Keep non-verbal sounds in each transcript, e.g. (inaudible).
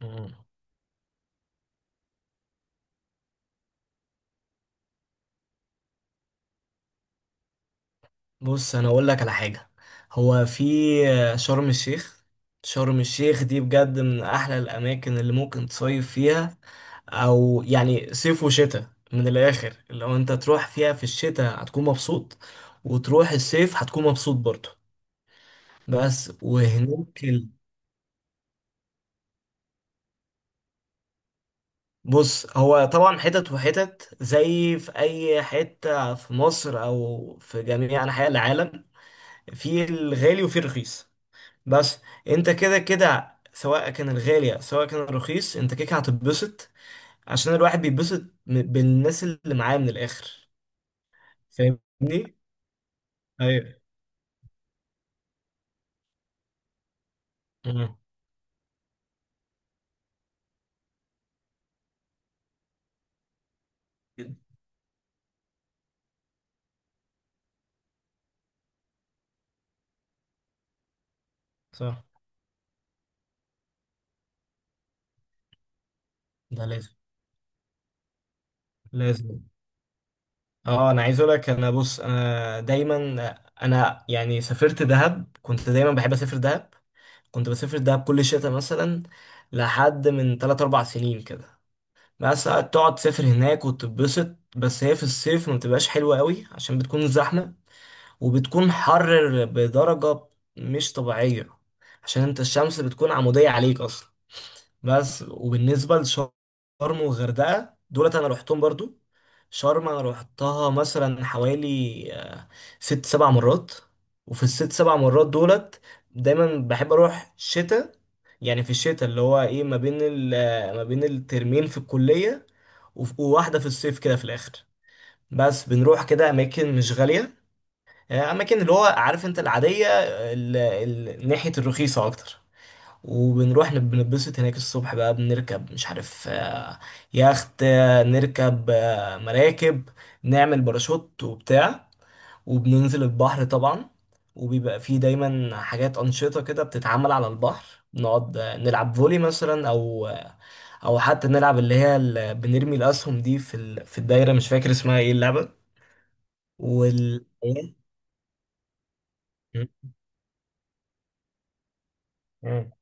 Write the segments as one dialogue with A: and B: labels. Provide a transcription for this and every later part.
A: مم. بص، انا اقول لك على حاجه. هو في شرم الشيخ. شرم الشيخ دي بجد من احلى الاماكن اللي ممكن تصيف فيها، او يعني صيف وشتاء من الاخر. لو انت تروح فيها في الشتاء هتكون مبسوط، وتروح الصيف هتكون مبسوط برضه. بس وهناك بص، هو طبعا حتت وحتت زي في اي حته في مصر او في جميع انحاء العالم، في الغالي وفي الرخيص. بس انت كده كده، سواء كان الغالي سواء كان الرخيص، انت كده كده هتتبسط، عشان الواحد بيتبسط بالناس اللي معاه من الاخر. فاهمني. ايوه. مم. كده. صح. ده لازم لازم. اه، انا عايز اقول لك. انا بص، انا دايما انا يعني سافرت دهب، كنت دايما بحب اسافر دهب. كنت بسافر دهب كل شتاء مثلا، لحد من 3 4 سنين كده. بس تقعد تسافر هناك وتتبسط. بس هي في الصيف ما بتبقاش حلوه قوي، عشان بتكون زحمه وبتكون حر بدرجة مش طبيعية، عشان انت الشمس بتكون عمودية عليك اصلا. بس، وبالنسبة لشرم والغردقة دولت انا روحتهم برضو. شرم انا روحتها مثلا حوالي ست سبع مرات، وفي الست سبع مرات دولت دايما بحب اروح شتاء. يعني في الشتاء اللي هو ايه ما بين ما بين الترمين في الكلية، وواحدة في الصيف كده في الاخر. بس بنروح كده اماكن مش غالية، يعني اماكن اللي هو عارف انت، العاديه، ناحيه الرخيصه اكتر. وبنروح بنتبسط هناك الصبح بقى، بنركب مش عارف يخت، نركب مراكب، نعمل باراشوت وبتاع، وبننزل البحر طبعا. وبيبقى فيه دايما حاجات أنشطة كده بتتعمل على البحر، بنقعد نلعب فولي مثلا، أو حتى نلعب بنرمي الأسهم دي في في الدايرة، مش فاكر اسمها ايه اللعبة. وال مم. مم.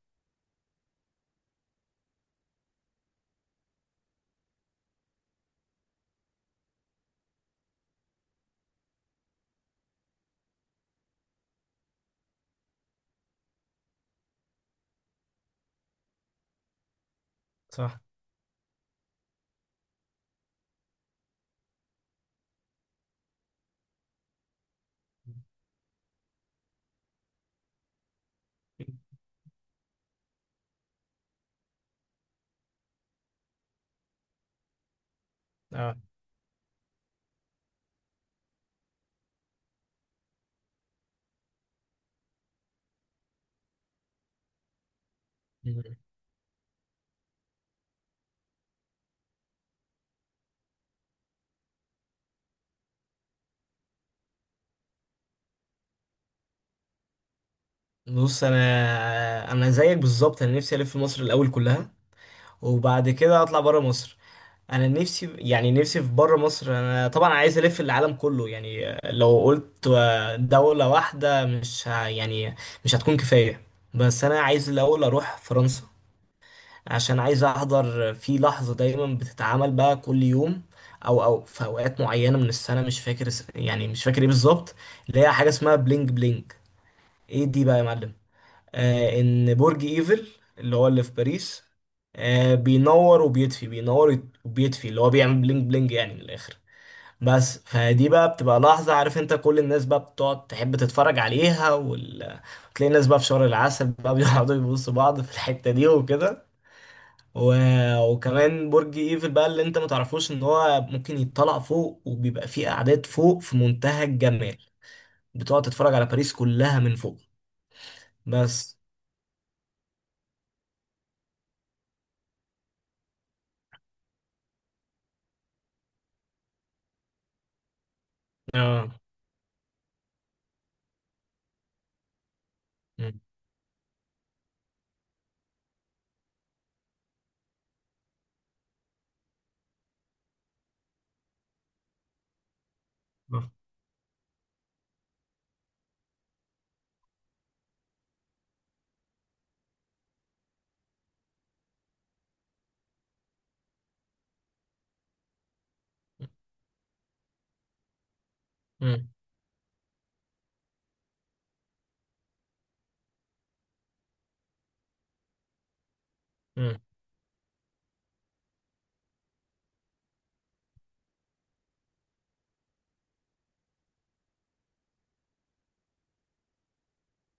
A: صح. اه. مم. بص، انا زيك بالظبط. انا نفسي الف مصر الاول كلها، وبعد كده اطلع بره مصر. انا نفسي، يعني نفسي في بره مصر. انا طبعا عايز الف العالم كله، يعني لو قلت دولة واحدة مش ه- يعني مش هتكون كفاية. بس انا عايز الاول اروح فرنسا، عشان عايز احضر في لحظة دايما بتتعمل بقى كل يوم، او في اوقات معينة من السنة، مش فاكر يعني مش فاكر ايه بالظبط، اللي هي حاجة اسمها بلينج بلينج. ايه دي بقى يا معلم؟ ان برج ايفل اللي هو اللي في باريس، بينور وبيطفي، بينور وبيطفي، اللي هو بيعمل بلينج بلينج يعني من الاخر. بس فدي بقى بتبقى لحظة، عارف انت، كل الناس بقى بتقعد تحب تتفرج عليها وتلاقي الناس بقى في شهر العسل بقى (laughs) بيقعدوا يبصوا بعض في الحتة دي وكده. و... وكمان برج ايفل بقى اللي انت ما تعرفوش ان هو ممكن يطلع فوق، وبيبقى فيه قعدات فوق في منتهى الجمال، بتقعد تتفرج على باريس كلها من فوق. بس. اه. امم.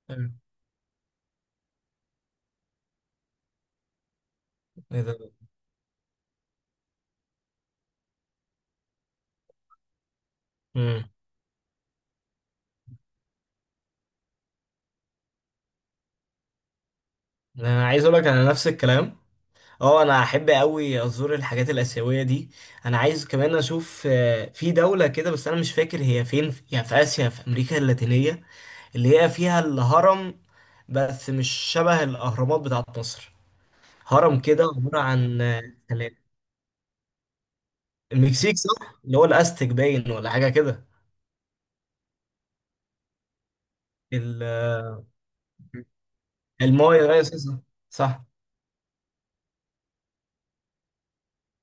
A: امم. ايه ده؟ امم. انا عايز اقول لك، انا نفس الكلام. اه، انا احب قوي ازور الحاجات الاسيويه دي. انا عايز كمان اشوف في دوله كده، بس انا مش فاكر هي فين، يا في اسيا، في امريكا اللاتينيه، اللي هي فيها الهرم، بس مش شبه الاهرامات بتاعت مصر. هرم كده عباره عن خلايا. المكسيك، صح، اللي هو الاستك باين ولا حاجه كده. ال- المايا، ايوه صح. صح.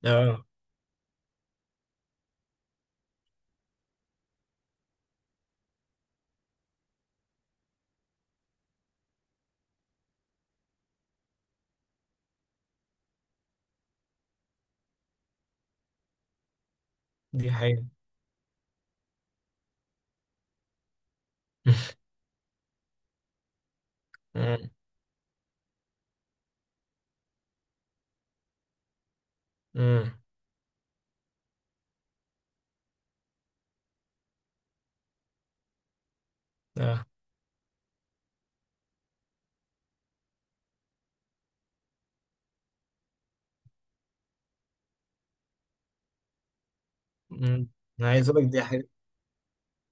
A: اه، دي حقيقه. (laughs) امم. امم. مم. انا عايز اقول لك دي حاجه.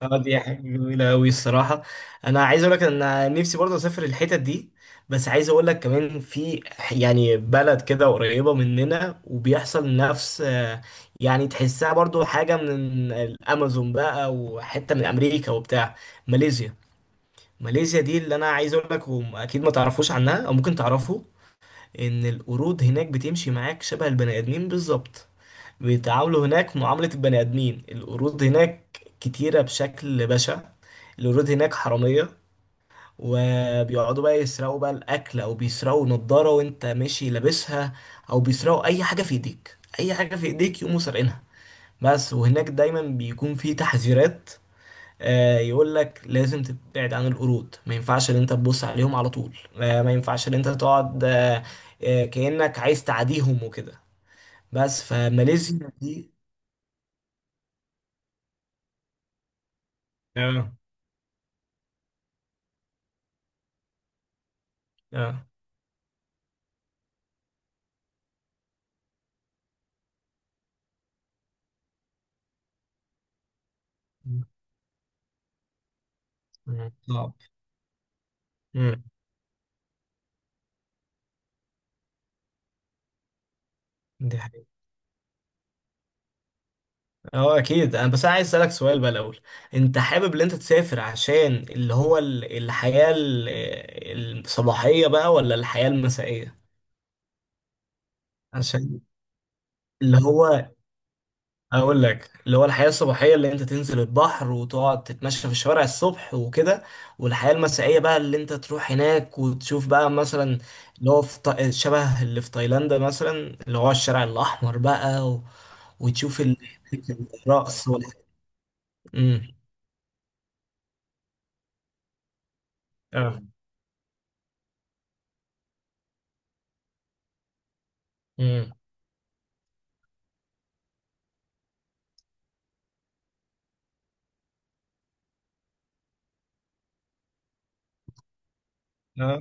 A: دي حاجه جميله قوي الصراحه. انا عايز اقول لك ان أنا نفسي برضه اسافر الحتت دي، بس عايز اقول لك كمان في، يعني بلد كده قريبه مننا وبيحصل نفس، يعني تحسها برضه حاجه من الامازون بقى، وحته من امريكا وبتاع. ماليزيا. ماليزيا دي اللي انا عايز اقول لك، واكيد ما تعرفوش عنها او ممكن تعرفوا ان القرود هناك بتمشي معاك شبه البني ادمين بالظبط. بيتعاملوا هناك معاملة البني آدمين. القرود هناك كتيرة بشكل بشع. القرود هناك حرامية، وبيقعدوا بقى يسرقوا بقى الأكل، أو بيسرقوا نضارة وأنت ماشي لابسها، أو بيسرقوا أي حاجة في إيديك، أي حاجة في إيديك يقوموا سارقينها. بس، وهناك دايما بيكون في تحذيرات، يقول لك لازم تبعد عن القرود، ما ينفعش ان انت تبص عليهم على طول، ما ينفعش ان انت تقعد كأنك عايز تعاديهم وكده. بس، فماليزيا دي. اه. اه. مم. صعب. مم. دي حقيقة. اه، اكيد انا، بس انا عايز اسالك سؤال بقى الاول. انت حابب ان انت تسافر عشان اللي هو الحياة الصباحية بقى ولا الحياة المسائية؟ عشان اللي هو، اقول لك، اللي هو الحياة الصباحية اللي انت تنزل البحر وتقعد تتمشى في الشوارع الصبح وكده، والحياة المسائية بقى اللي انت تروح هناك وتشوف بقى مثلا، اللي هو في شبه اللي في تايلاند مثلا، اللي هو الشارع الاحمر بقى وتشوف الرقص. امم. اه. امم. اه.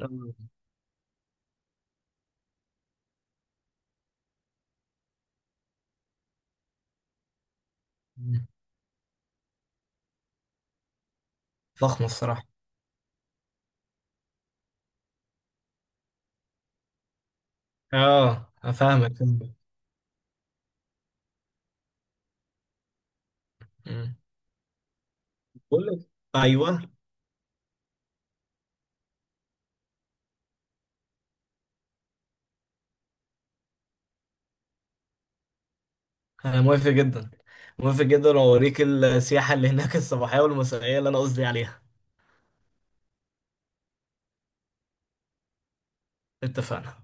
A: آه. مم. فخمة الصراحة. اه، افهمك فهمك. مم. بقول لك. ايوه، انا موافق جدا. موافق جدا، واوريك السياحة اللي هناك الصباحية والمسائية اللي انا قصدي عليها. اتفقنا.